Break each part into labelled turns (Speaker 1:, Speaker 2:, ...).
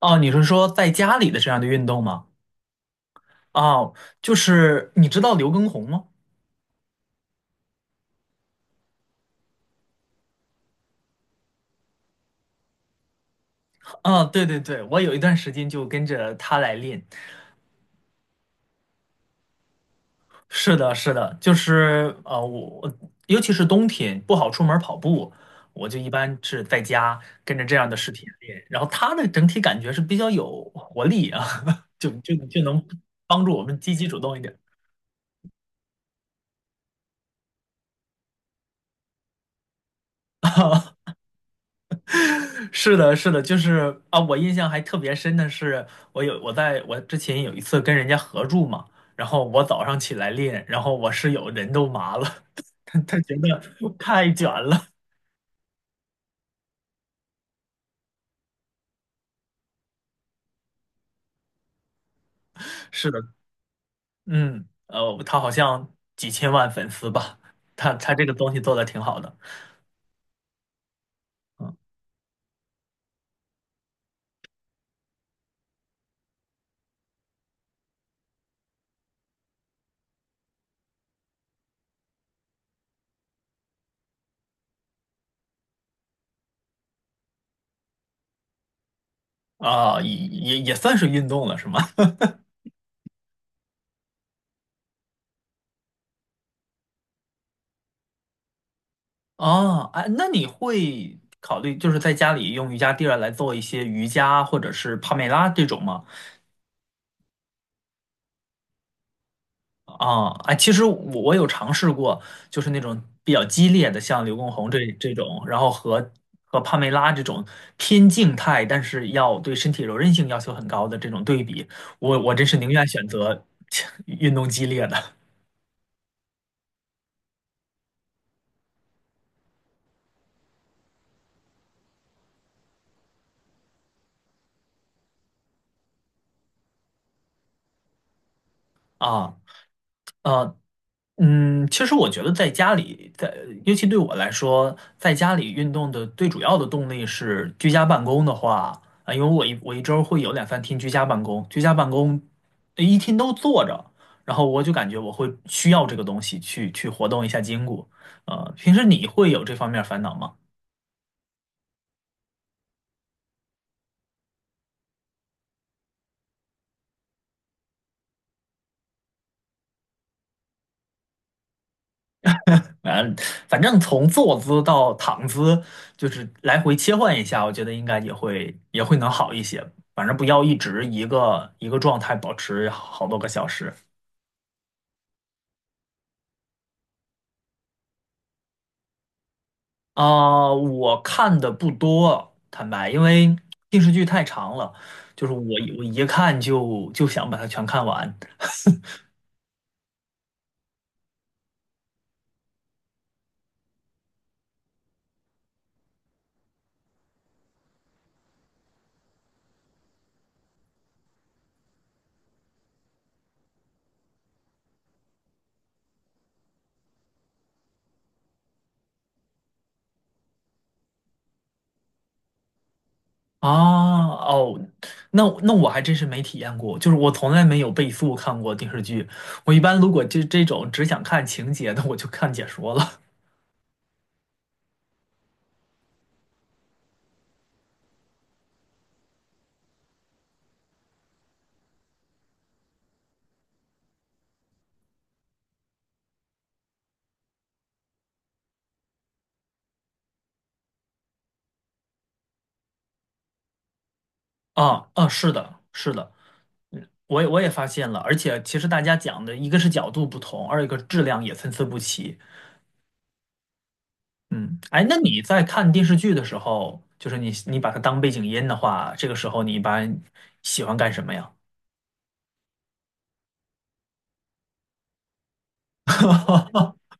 Speaker 1: 哦，你是说在家里的这样的运动吗？哦，就是你知道刘畊宏吗？啊、对对对，我有一段时间就跟着他来练。是的，是的，就是我尤其是冬天不好出门跑步，我就一般是在家跟着这样的视频练。然后他的整体感觉是比较有活力啊，就能帮助我们积极主动一点。是的，是的，就是啊，我印象还特别深的是，我之前有一次跟人家合住嘛，然后我早上起来练，然后我室友人都麻了，他觉得太卷了。是的，他好像几千万粉丝吧，他这个东西做的挺好的，嗯啊，也算是运动了，是吗？哦，哎，那你会考虑就是在家里用瑜伽垫儿来做一些瑜伽或者是帕梅拉这种吗？啊，哎，其实我有尝试过，就是那种比较激烈的，像刘畊宏这种，然后和帕梅拉这种偏静态，但是要对身体柔韧性要求很高的这种对比，我真是宁愿选择 运动激烈的啊。呃，其实我觉得在家里，在尤其对我来说，在家里运动的最主要的动力是居家办公的话，啊，因为我一周会有2、3天居家办公，居家办公一天都坐着，然后我就感觉我会需要这个东西去活动一下筋骨。平时你会有这方面烦恼吗？嗯，反正从坐姿到躺姿，就是来回切换一下，我觉得应该也会能好一些。反正不要一直一个一个状态保持好多个小时。啊、我看的不多，坦白，因为电视剧太长了，就是我一看就想把它全看完啊。哦，那我还真是没体验过，就是我从来没有倍速看过电视剧。我一般如果这种只想看情节的，我就看解说了。啊啊，是的，是的，嗯，我也发现了，而且其实大家讲的一个是角度不同，二一个质量也参差不齐。嗯，哎，那你在看电视剧的时候，就是你把它当背景音的话，这个时候你一般喜欢干什么呀？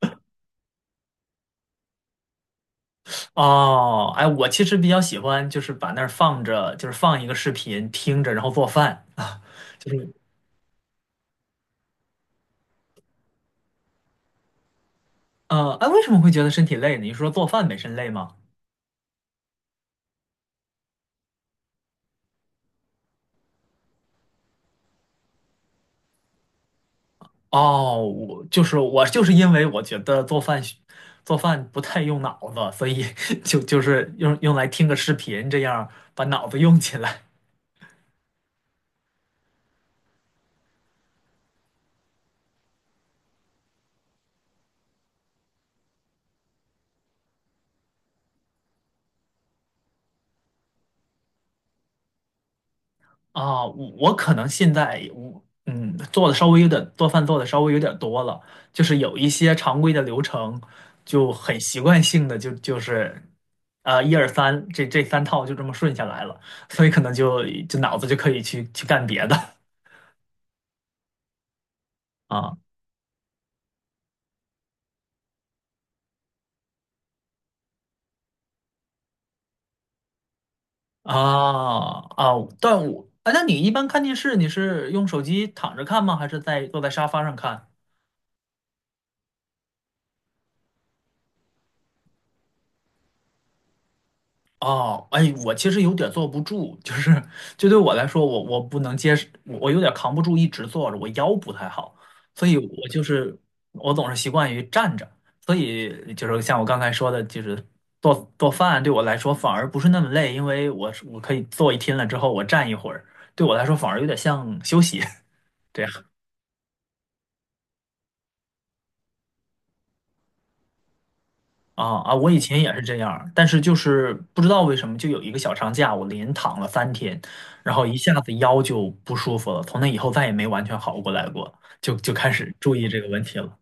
Speaker 1: 哦，哎，我其实比较喜欢，就是把那儿放着，就是放一个视频听着，然后做饭啊，就是，哎，为什么会觉得身体累呢？你是说做饭本身累吗？哦，我就是因为我觉得做饭不太用脑子，所以 就是用来听个视频，这样把脑子用起来啊。我可能现在我做饭做的稍微有点多了，就是有一些常规的流程就很习惯性的一二三这3套就这么顺下来了，所以可能就脑子就可以去干别的啊。啊啊！但我啊，那你一般看电视，你是用手机躺着看吗？还是坐在沙发上看？哦，哎，我其实有点坐不住，就对我来说，我不能接受，我有点扛不住一直坐着，我腰不太好，所以我总是习惯于站着，所以就是像我刚才说的，就是做饭对我来说反而不是那么累，因为我可以坐一天了之后我站一会儿，对我来说反而有点像休息。对。啊啊！我以前也是这样儿但是就是不知道为什么，就有一个小长假，我连躺了三天，然后一下子腰就不舒服了，从那以后再也没完全好过来过，就开始注意这个问题了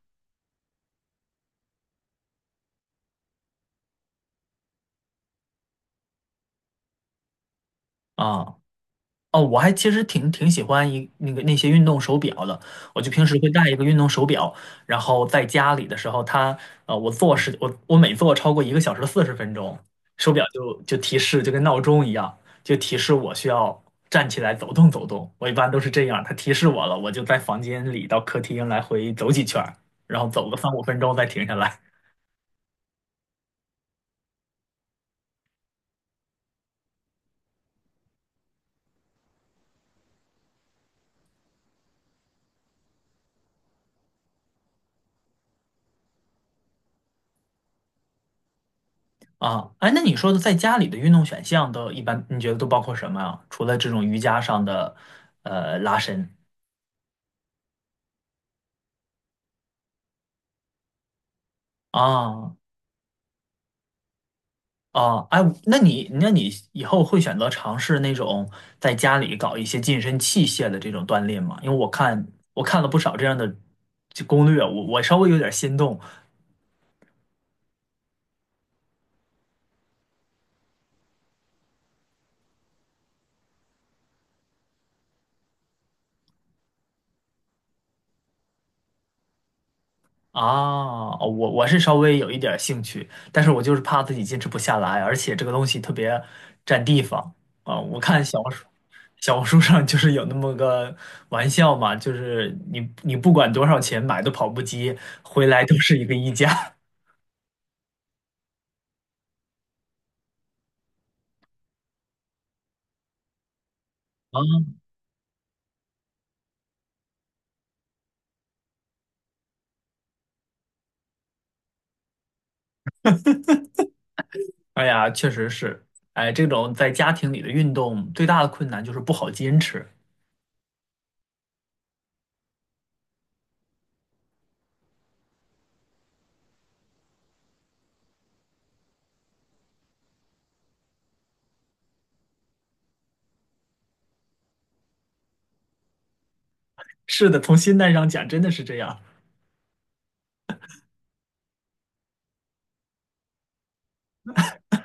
Speaker 1: 啊哦，我还其实挺喜欢一那个那些运动手表的，我就平时会戴一个运动手表，然后在家里的时候它，呃，我坐时我我每坐超过1小时40分钟，手表就提示，就跟闹钟一样，就提示我需要站起来走动走动。我一般都是这样，它提示我了，我就在房间里到客厅来回走几圈儿然后走个3、5分钟再停下来。啊，哎，那你说的在家里的运动选项都一般，你觉得都包括什么啊？除了这种瑜伽上的，拉伸。啊啊，哎，那你以后会选择尝试那种在家里搞一些健身器械的这种锻炼吗？因为我看了不少这样的这攻略，我稍微有点心动啊，哦我是稍微有一点兴趣，但是我就是怕自己坚持不下来，而且这个东西特别占地方啊。我看小红书上就是有那么个玩笑嘛，就是你不管多少钱买的跑步机，回来都是一个衣架。啊。哎呀，确实是，哎，这种在家庭里的运动最大的困难就是不好坚持。是的，从心态上讲，真的是这样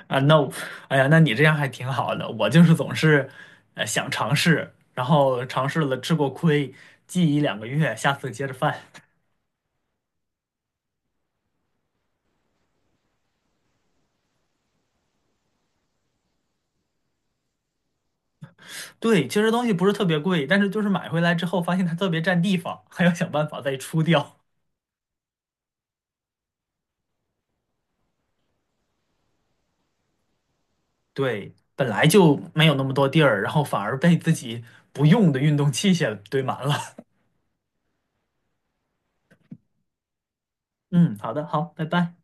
Speaker 1: 啊。那我，哎呀，那你这样还挺好的。我就是总是，想尝试，然后尝试了吃过亏，记一两个月，下次接着犯。对，其实东西不是特别贵，但是就是买回来之后发现它特别占地方，还要想办法再出掉。对，本来就没有那么多地儿，然后反而被自己不用的运动器械堆满了。嗯，好的，好，拜拜。